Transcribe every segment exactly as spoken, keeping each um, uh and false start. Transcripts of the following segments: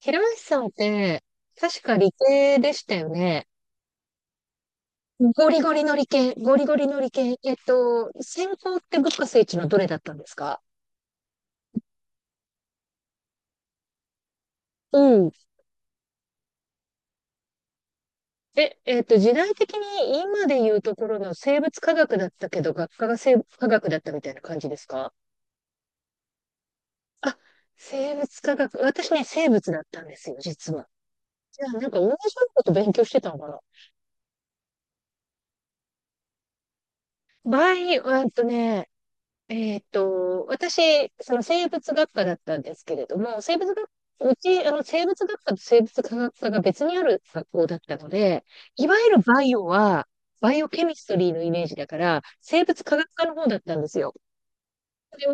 平松さんって、確か理系でしたよね。ゴリゴリの理系、ゴリゴリの理系。えっと、専攻って物価聖地のどれだったんですか？うん。え、えっと、時代的に今で言うところの生物科学だったけど、学科が生物科学だったみたいな感じですか？あ、生物科学。私ね、生物だったんですよ、実は。じゃあ、なんか同じようなこと勉強してたのかな？場合、えっとね、えっと、私、その生物学科だったんですけれども、生物学、うち、あの、生物学科と生物科学科が別にある学校だったので、いわゆるバイオは、バイオケミストリーのイメージだから、生物科学科の方だったんですよ。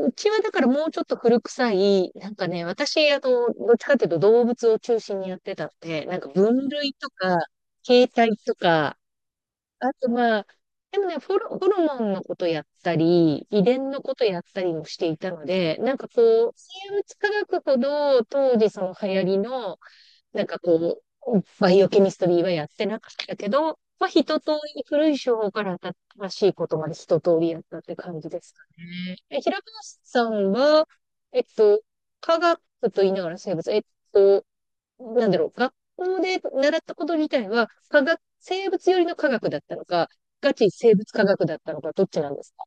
うちはだからもうちょっと古臭い、なんかね、私、あの、どっちかというと動物を中心にやってたので、なんか分類とか、形態とか、あとは、でもね、ホル、ホルモンのことやったり、遺伝のことやったりもしていたので、なんかこう、生物科学ほど当時その流行りの、なんかこう、バイオケミストリーはやってなかったけど、まあ一通り古い手法から新しいことまで一通りやったって感じですかね。え、平林さんは、えっと、科学と言いながら生物、えっと、なんだろう、学校で習ったこと自体は、科学、生物寄りの科学だったのか、ガチ生物科学だったのか、どっちなんですか？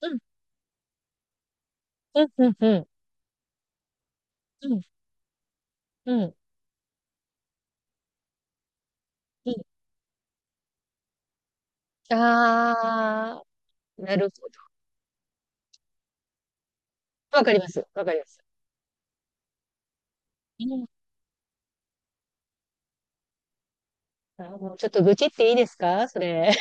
うん、うん、うん、うん、うん、うん、うん。あー、なるほど。わかります。わかります。うん。あーもうちょっと愚痴っていいですか、それ？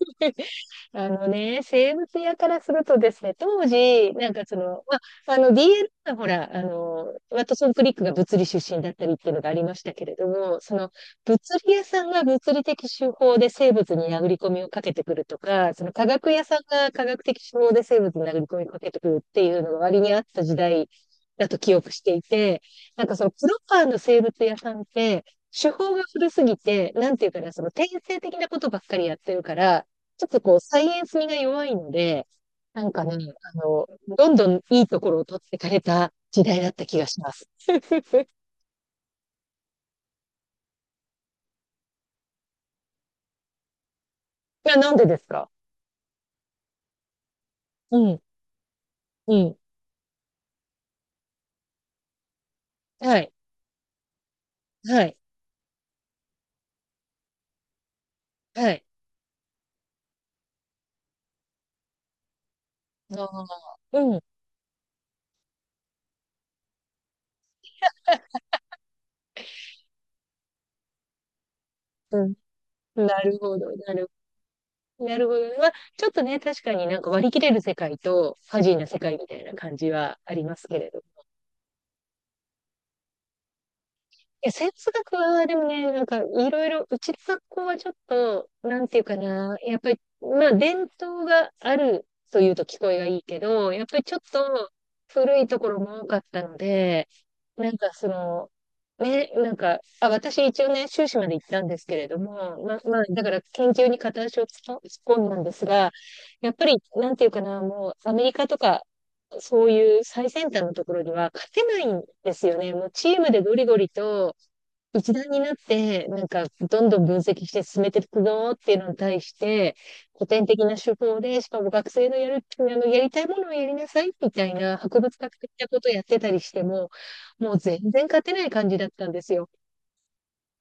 あのね、生物屋からするとですね、当時、なんかその、まあ、あの ディーエル はほら、あの、ワトソン・クリックが物理出身だったりっていうのがありましたけれども、その、物理屋さんが物理的手法で生物に殴り込みをかけてくるとか、その科学屋さんが科学的手法で生物に殴り込みをかけてくるっていうのが割にあった時代だと記憶していて、なんかそのプロパーの生物屋さんって、手法が古すぎて、なんていうかな、その転生的なことばっかりやってるから、ちょっとこう、サイエンス味が弱いので、なんかね、あの、どんどんいいところを取ってかれた時代だった気がします。いや、なんでですか？うん、うん。はい、はい、はい。ああ、うん、うん。なるほど、なるなるほどね。まあ、ちょっとね、確かになんか割り切れる世界と、ファジーな世界みたいな感じはありますけれど、や、哲学は、でもね、なんか、いろいろ、うちの学校はちょっと、なんていうかな、やっぱり、まあ、伝統があるというと聞こえがいいけど、やっぱりちょっと古いところも多かったので、なんかその、ね、なんか、あ、私一応ね、修士まで行ったんですけれども、まあ、まあ、だから研究に片足を突っ込んだんですが、やっぱり、なんていうかな、もう、アメリカとか、そういう最先端のところには勝てないんですよね。もうチームでゴリゴリと、一段になって、なんか、どんどん分析して進めていくぞっていうのに対して、古典的な手法で、しかも学生のやる、あの、やりたいものをやりなさいみたいな博物学的なことをやってたりしても、もう全然勝てない感じだったんですよ。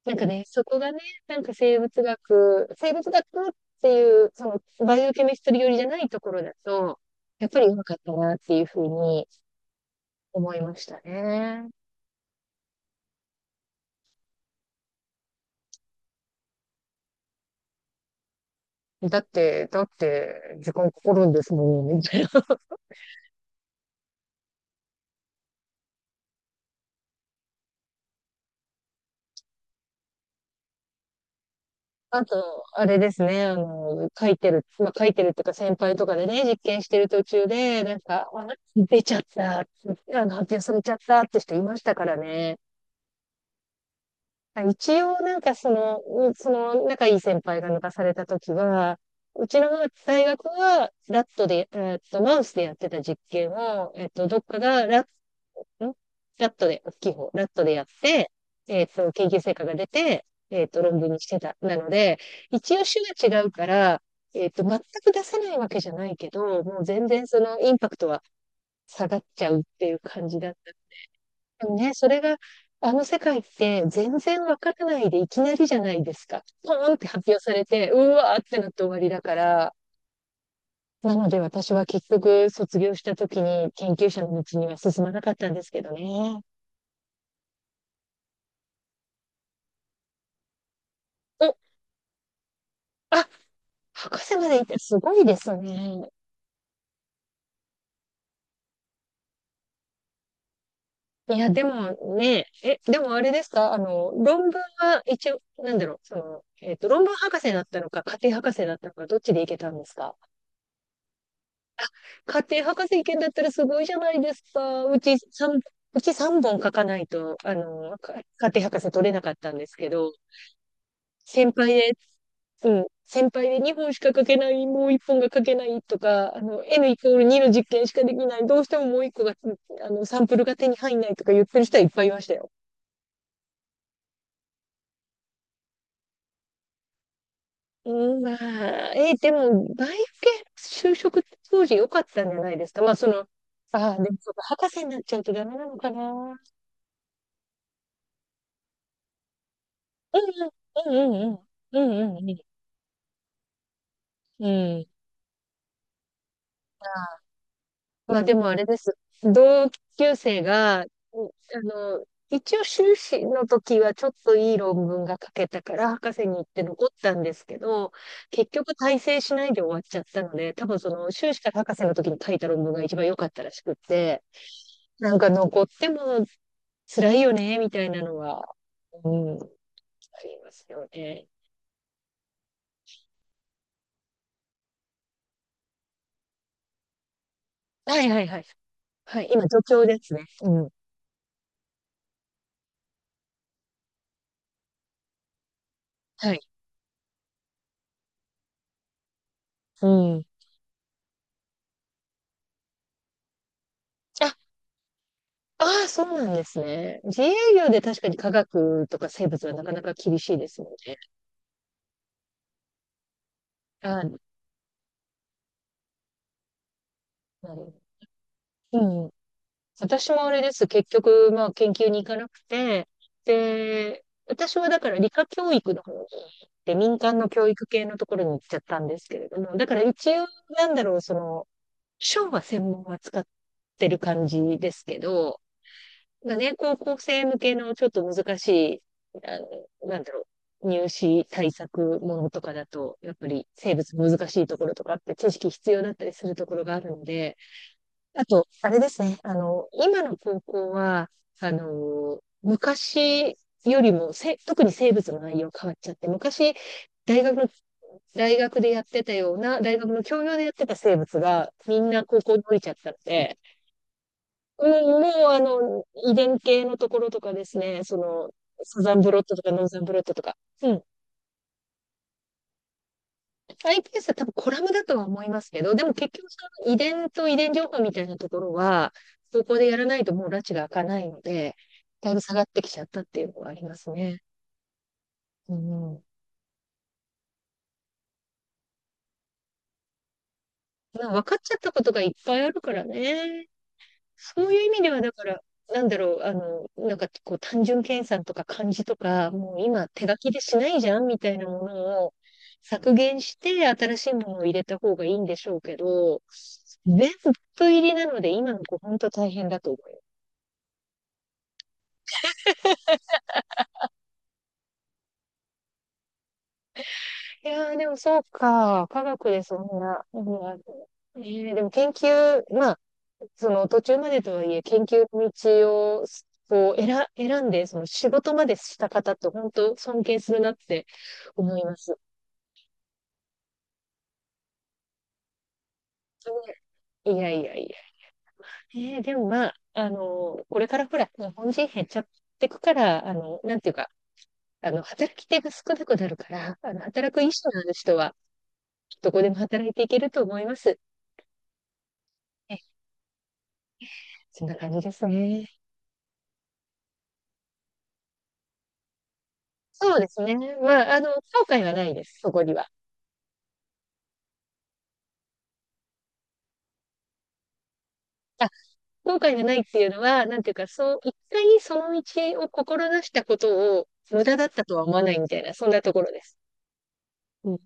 なんかね、そこがね、なんか生物学、生物学っていう、その、バイオケミストリー寄りじゃないところだと、やっぱりうまかったなっていうふうに思いましたね。だって、だって、時間かかるんですもんね、みたい。あと、あれですね、あの、書いてる、まあ、書いてるっていうか先輩とかでね、実験してる途中で、なんか、あ出ちゃった、あの、発表されちゃったって人いましたからね。一応、なんかその、うその、仲いい先輩が抜かされた時は、うちの大学は、ラットで、えっと、マウスでやってた実験を、えっと、どっかがラッんラットで、大きい方、ラットでやって、えっと、研究成果が出て、えっと、論文にしてた。なので、一応種が違うから、えっと、全く出せないわけじゃないけど、もう全然そのインパクトは下がっちゃうっていう感じだった。でもね、それが、あの世界って全然わからないでいきなりじゃないですか。ポーンって発表されて、うわーってなって終わりだから、なので私は結局卒業した時に研究者の道には進まなかったんですけどね。お、あ、博士まで行ってすごいですね。いや、でもね、え、でもあれですか、あの、論文は一応、なんだろう、その、えっと、論文博士だったのか、家庭博士だったのか、どっちで行けたんですか？家庭博士行けんだったらすごいじゃないですか。うちさん、うちさんぼん書かないと、あの、か家庭博士取れなかったんですけど、先輩で、うん、先輩でにほんしか書けない、もういっぽんが書けないとか、あの、エヌ イコールにの実験しかできない、どうしてももういっこが、あの、サンプルが手に入んないとか言ってる人はいっぱいいましたよ。うん、まあ、え、でも、バイオ系就職当時良かったんじゃないですか。まあ、その、ああ、でもそうか、博士になっちゃうとダメなのかな。うんうん、うんうんうん。うんうんうん。うん。まあでもあれです。同級生が、うあの、一応修士の時はちょっといい論文が書けたから博士に行って残ったんですけど、結局大成しないで終わっちゃったので、多分その修士から博士の時に書いた論文が一番良かったらしくって、なんか残っても辛いよね、みたいなのは、うん、ありますよね。はいはいはい。はい、今、助教ですね。うん。はい。うん。あ、ああ、そうなんですね。自営業で確かに科学とか生物はなかなか厳しいですもんね。はい。なるほど。うん。私もあれです。結局、まあ、研究に行かなくて、で、私はだから理科教育の方に行って民間の教育系のところに行っちゃったんですけれども、だから一応、なんだろう、その、書は専門は使ってる感じですけど、がね、高校生向けのちょっと難しい、あの、なんだろう、入試対策ものとかだと、やっぱり生物難しいところとかあって知識必要だったりするところがあるので、あと、あれですね、あの、今の高校は、あの、昔よりもせ、特に生物の内容変わっちゃって、昔、大学の大学でやってたような、大学の教養でやってた生物がみんな高校に降りちゃったので、うん、もうあの、遺伝系のところとかですね、その、サザンブロットとかノーザンブロットとか。うん。アイピーエス は多分コラムだとは思いますけど、でも結局その遺伝と遺伝情報みたいなところは、そこでやらないともう拉致が開かないので、だいぶ下がってきちゃったっていうのはありますね。うんうん。まあ分かっちゃったことがいっぱいあるからね。そういう意味では、だから、なんだろう、あの、なんかこう単純計算とか漢字とか、もう今手書きでしないじゃんみたいなものを削減して新しいものを入れた方がいいんでしょうけど、全部入りなので今の子本当大変だと思う。すいやー、でもそうか、科学でそんな、うんあえーでも研究、まあその途中までとはいえ、研究の道をこう選、選んで、その仕事までした方って本当尊敬するなって思います。いやいやいや。えーでもまあ、あの、これからほら、日本人減っちゃってくから、あの、なんていうか、あの、働き手が少なくなるから、あの、働く意思のある人は、どこでも働いていけると思います。え、そんな感じですね。そうですね。まあ、あの、後悔はないです、そこには。後悔がないっていうのは、なんていうか、そう、一回その道を志したことを無駄だったとは思わないみたいな、そんなところです。うん。